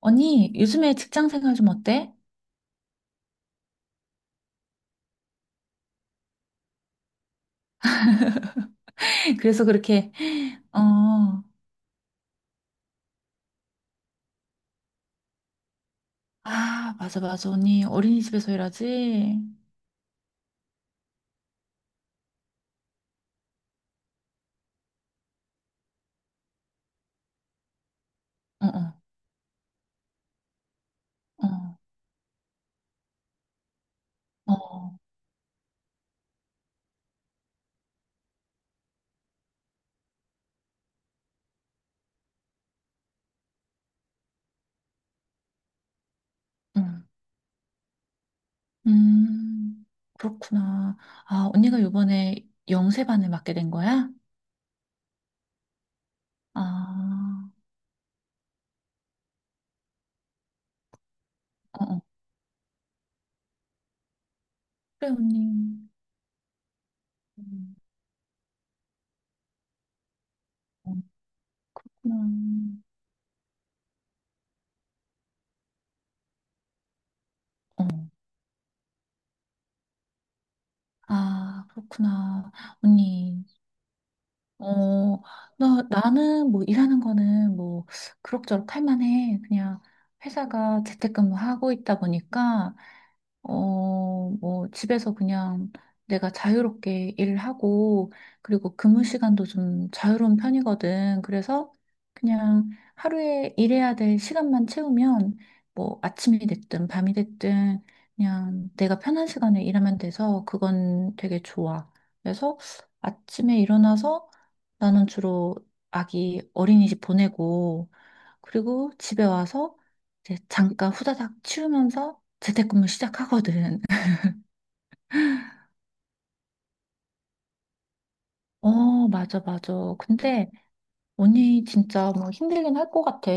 언니, 요즘에 직장 생활 좀 어때? 그래서 그렇게, 어, 아, 맞아, 맞아. 언니, 어린이집에서 일하지? 어, 어, 어, 어, 음, 음, 그렇구나. 아, 언니가 요번에 영세반을 맡게 된 거야? 아, 어, 어. 그래, 언니. 음, 어, 그렇구나. 어. 아, 그렇구나. 언니. 어, 나는 뭐 일하는 거는 뭐 그럭저럭 할 만해. 그냥 회사가 재택근무하고 있다 보니까 어, 뭐, 집에서 그냥 내가 자유롭게 일하고, 그리고 근무 시간도 좀 자유로운 편이거든. 그래서 그냥 하루에 일해야 될 시간만 채우면, 뭐, 아침이 됐든 밤이 됐든, 그냥 내가 편한 시간에 일하면 돼서 그건 되게 좋아. 그래서 아침에 일어나서 나는 주로 아기 어린이집 보내고, 그리고 집에 와서 이제 잠깐 후다닥 치우면서 재택근무 시작하거든. 어, 맞아, 맞아. 근데 언니 진짜 뭐 힘들긴 할 것 같아.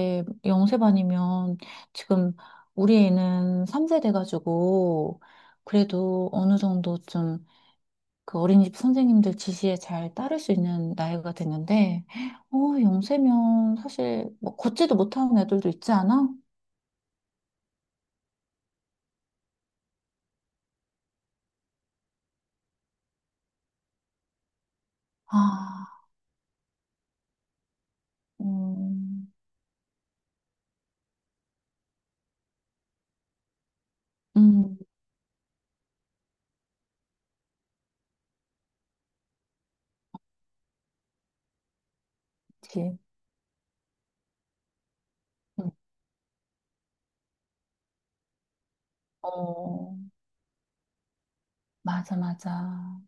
영세반이면 지금 우리 애는 3세 돼가지고 그래도 어느 정도 좀 그 어린이집 선생님들 지시에 잘 따를 수 있는 나이가 됐는데, 어, 영세면 사실 뭐 걷지도 못하는 애들도 있지 않아? 아, 음, 음, 그치. 음. 어, 맞아, 맞아.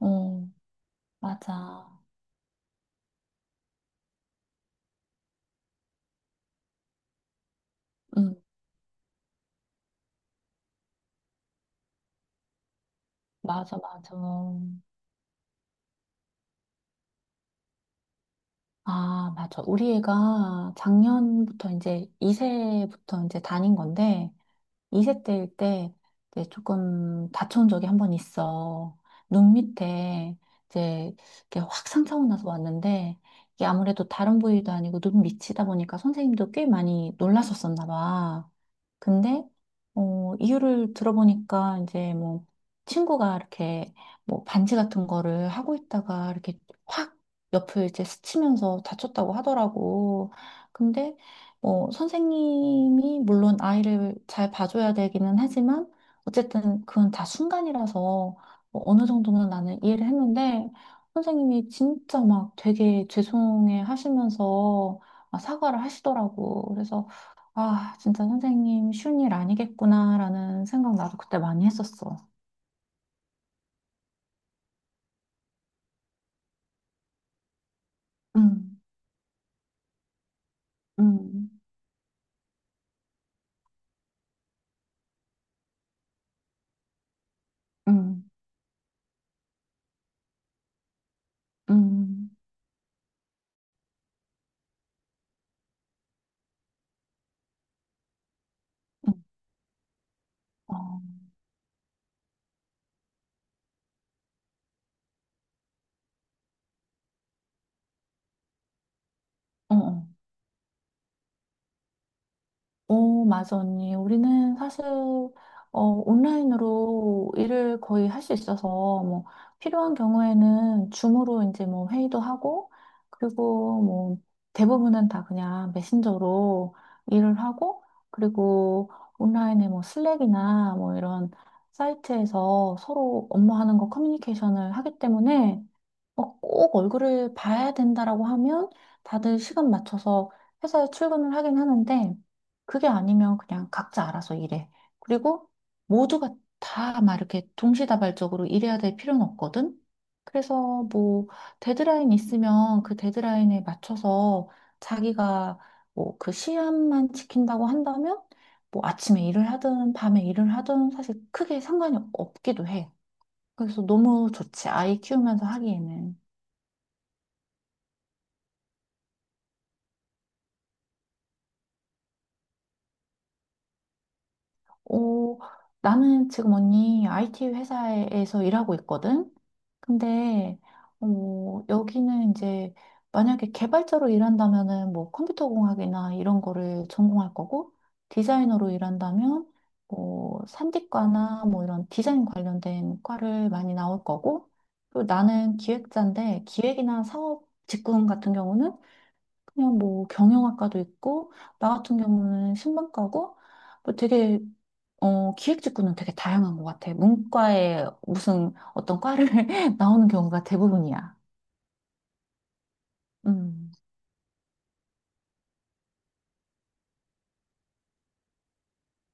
어, 맞아. 응, 맞아, 맞아. 아, 맞아. 우리 애가 작년부터 이제 2세부터 이제 다닌 건데, 2세 때일 때 이제 조금 다쳐온 적이 한 번 있어. 눈 밑에 이제 이렇게 확 상처가 나서 왔는데, 이게 아무래도 다른 부위도 아니고 눈 밑이다 보니까 선생님도 꽤 많이 놀라셨었나 봐. 근데 어, 이유를 들어보니까 이제 뭐 친구가 이렇게 뭐 반지 같은 거를 하고 있다가 이렇게 확 옆을 이제 스치면서 다쳤다고 하더라고. 근데 어, 선생님이 물론 아이를 잘 봐줘야 되기는 하지만 어쨌든 그건 다 순간이라서 뭐 어느 정도는 나는 이해를 했는데 선생님이 진짜 막 되게 죄송해 하시면서 막 사과를 하시더라고. 그래서 아, 진짜 선생님 쉬운 일 아니겠구나라는 생각 나도 그때 많이 했었어. 응, 응, 응, 응, 응. 어, 어, 어. 오, 맞아, 언니. 우리는 사실, 어, 온라인으로 일을 거의 할 수 있어서, 뭐, 필요한 경우에는 줌으로 이제 뭐 회의도 하고, 그리고 뭐, 대부분은 다 그냥 메신저로 일을 하고, 그리고 온라인에 뭐 슬랙이나 뭐 이런 사이트에서 서로 업무하는 거 커뮤니케이션을 하기 때문에, 어, 꼭 얼굴을 봐야 된다라고 하면 다들 시간 맞춰서 회사에 출근을 하긴 하는데 그게 아니면 그냥 각자 알아서 일해. 그리고 모두가 다 막 이렇게 동시다발적으로 일해야 될 필요는 없거든. 그래서 뭐 데드라인 있으면 그 데드라인에 맞춰서 자기가 뭐 그 시간만 지킨다고 한다면 뭐 아침에 일을 하든 밤에 일을 하든 사실 크게 상관이 없기도 해. 그래서 너무 좋지. 아이 키우면서 하기에는. 어, 나는 지금 언니 IT 회사에서 일하고 있거든? 근데, 어, 여기는 이제 만약에 개발자로 일한다면은 뭐 컴퓨터 공학이나 이런 거를 전공할 거고, 디자이너로 일한다면 뭐 산디과나 뭐 이런 디자인 관련된 과를 많이 나올 거고, 그리고 나는 기획자인데 기획이나 사업 직군 같은 경우는 그냥 뭐 경영학과도 있고 나 같은 경우는 신문과고 뭐 되게 어 기획 직군은 되게 다양한 것 같아. 문과에 무슨 어떤 과를 나오는 경우가 대부분이야. 음.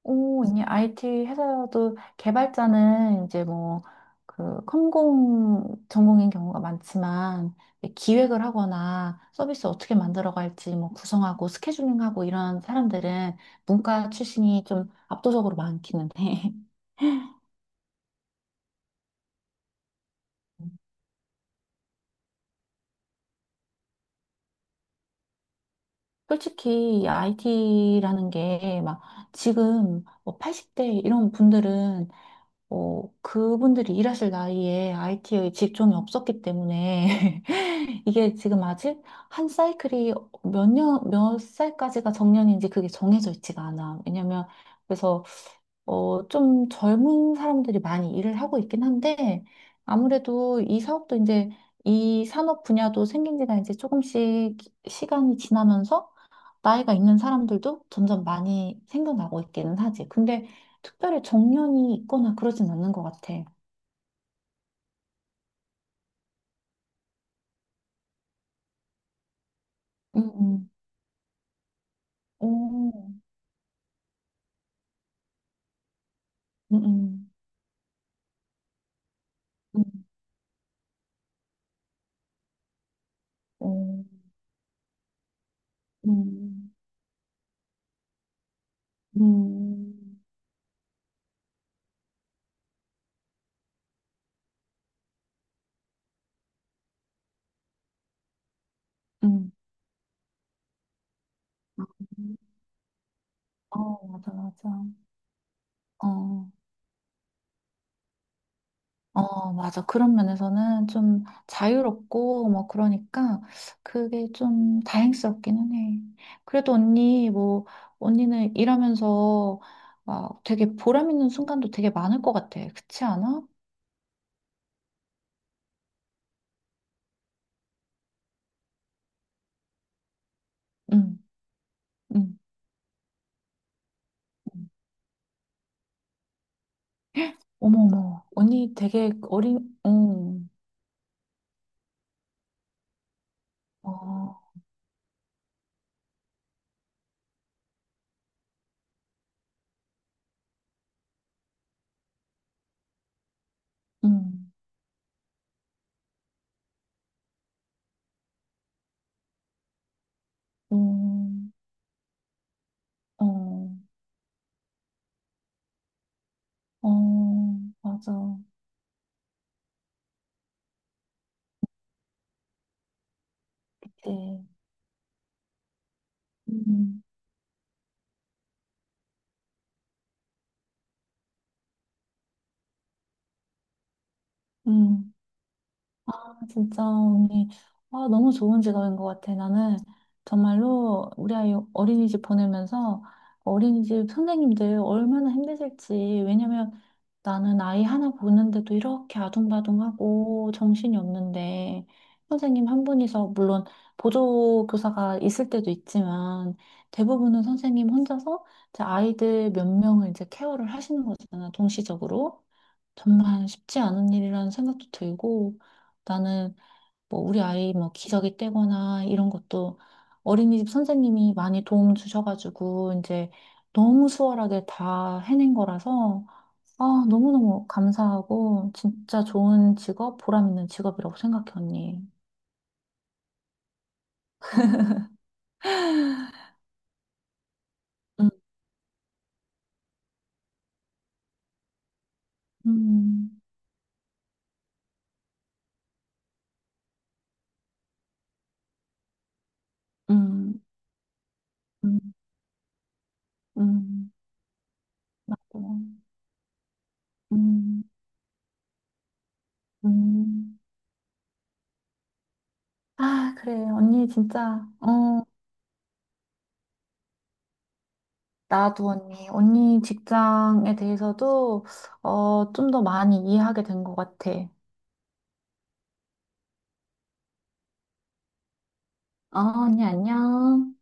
오, 이제 IT 회사도 개발자는 이제 뭐 그 컴공 전공인 경우가 많지만 기획을 하거나 서비스 어떻게 만들어갈지 뭐 구성하고 스케줄링하고 이런 사람들은 문과 출신이 좀 압도적으로 많기는 해. 솔직히 IT라는 게 막 지금 뭐 80대 이런 분들은 뭐 그분들이 일하실 나이에 IT의 직종이 없었기 때문에 이게 지금 아직 한 사이클이 몇 년, 몇 살까지가 정년인지 그게 정해져 있지가 않아. 왜냐면 그래서 어, 좀 젊은 사람들이 많이 일을 하고 있긴 한데 아무래도 이 사업도 이제 이 산업 분야도 생긴 지가 이제 조금씩 시간이 지나면서 나이가 있는 사람들도 점점 많이 생겨나고 있기는 하지. 근데 특별히 정년이 있거나 그러진 않는 것 같아. 음, 음. 오, 음, 음, 음, 오, 음, 음, 음. 어, 맞아, 맞아. 어. 어, 맞아. 그런 면에서는 좀 자유롭고, 뭐, 그러니까, 그게 좀 다행스럽기는 해. 그래도 언니, 뭐, 언니는 일하면서 막 되게 보람 있는 순간도 되게 많을 것 같아. 그렇지 않아? 응, 응. 응. 어머, 어머. 언니 되게 어린, 응, 어, 응, 응, 어, 어, 맞아. 그치. 응, 응. 진짜 언니 아, 너무 좋은 직업인 것 같아. 나는 정말로 우리 아이 어린이집 보내면서 어린이집 선생님들 얼마나 힘드실지. 왜냐면 나는 아이 하나 보는데도 이렇게 아둥바둥하고 정신이 없는데 선생님 한 분이서 물론 보조교사가 있을 때도 있지만 대부분은 선생님 혼자서 이제 아이들 몇 명을 이제 케어를 하시는 거잖아. 동시적으로. 정말 쉽지 않은 일이라는 생각도 들고 나는 뭐 우리 아이 뭐 기저귀 떼거나 이런 것도 어린이집 선생님이 많이 도움 주셔가지고 이제 너무 수월하게 다 해낸 거라서 아, 너무너무 감사하고 진짜 좋은 직업, 보람 있는 직업이라고 생각해, 언니. 음, 음, 음, 음, 음, 맞아. 음, 음. 아, 그래. 언니 진짜, 어, 나도 언니. 언니 직장에 대해서도, 어, 좀 더 많이 이해하게 된 것 같아. 어, 언니, 안녕.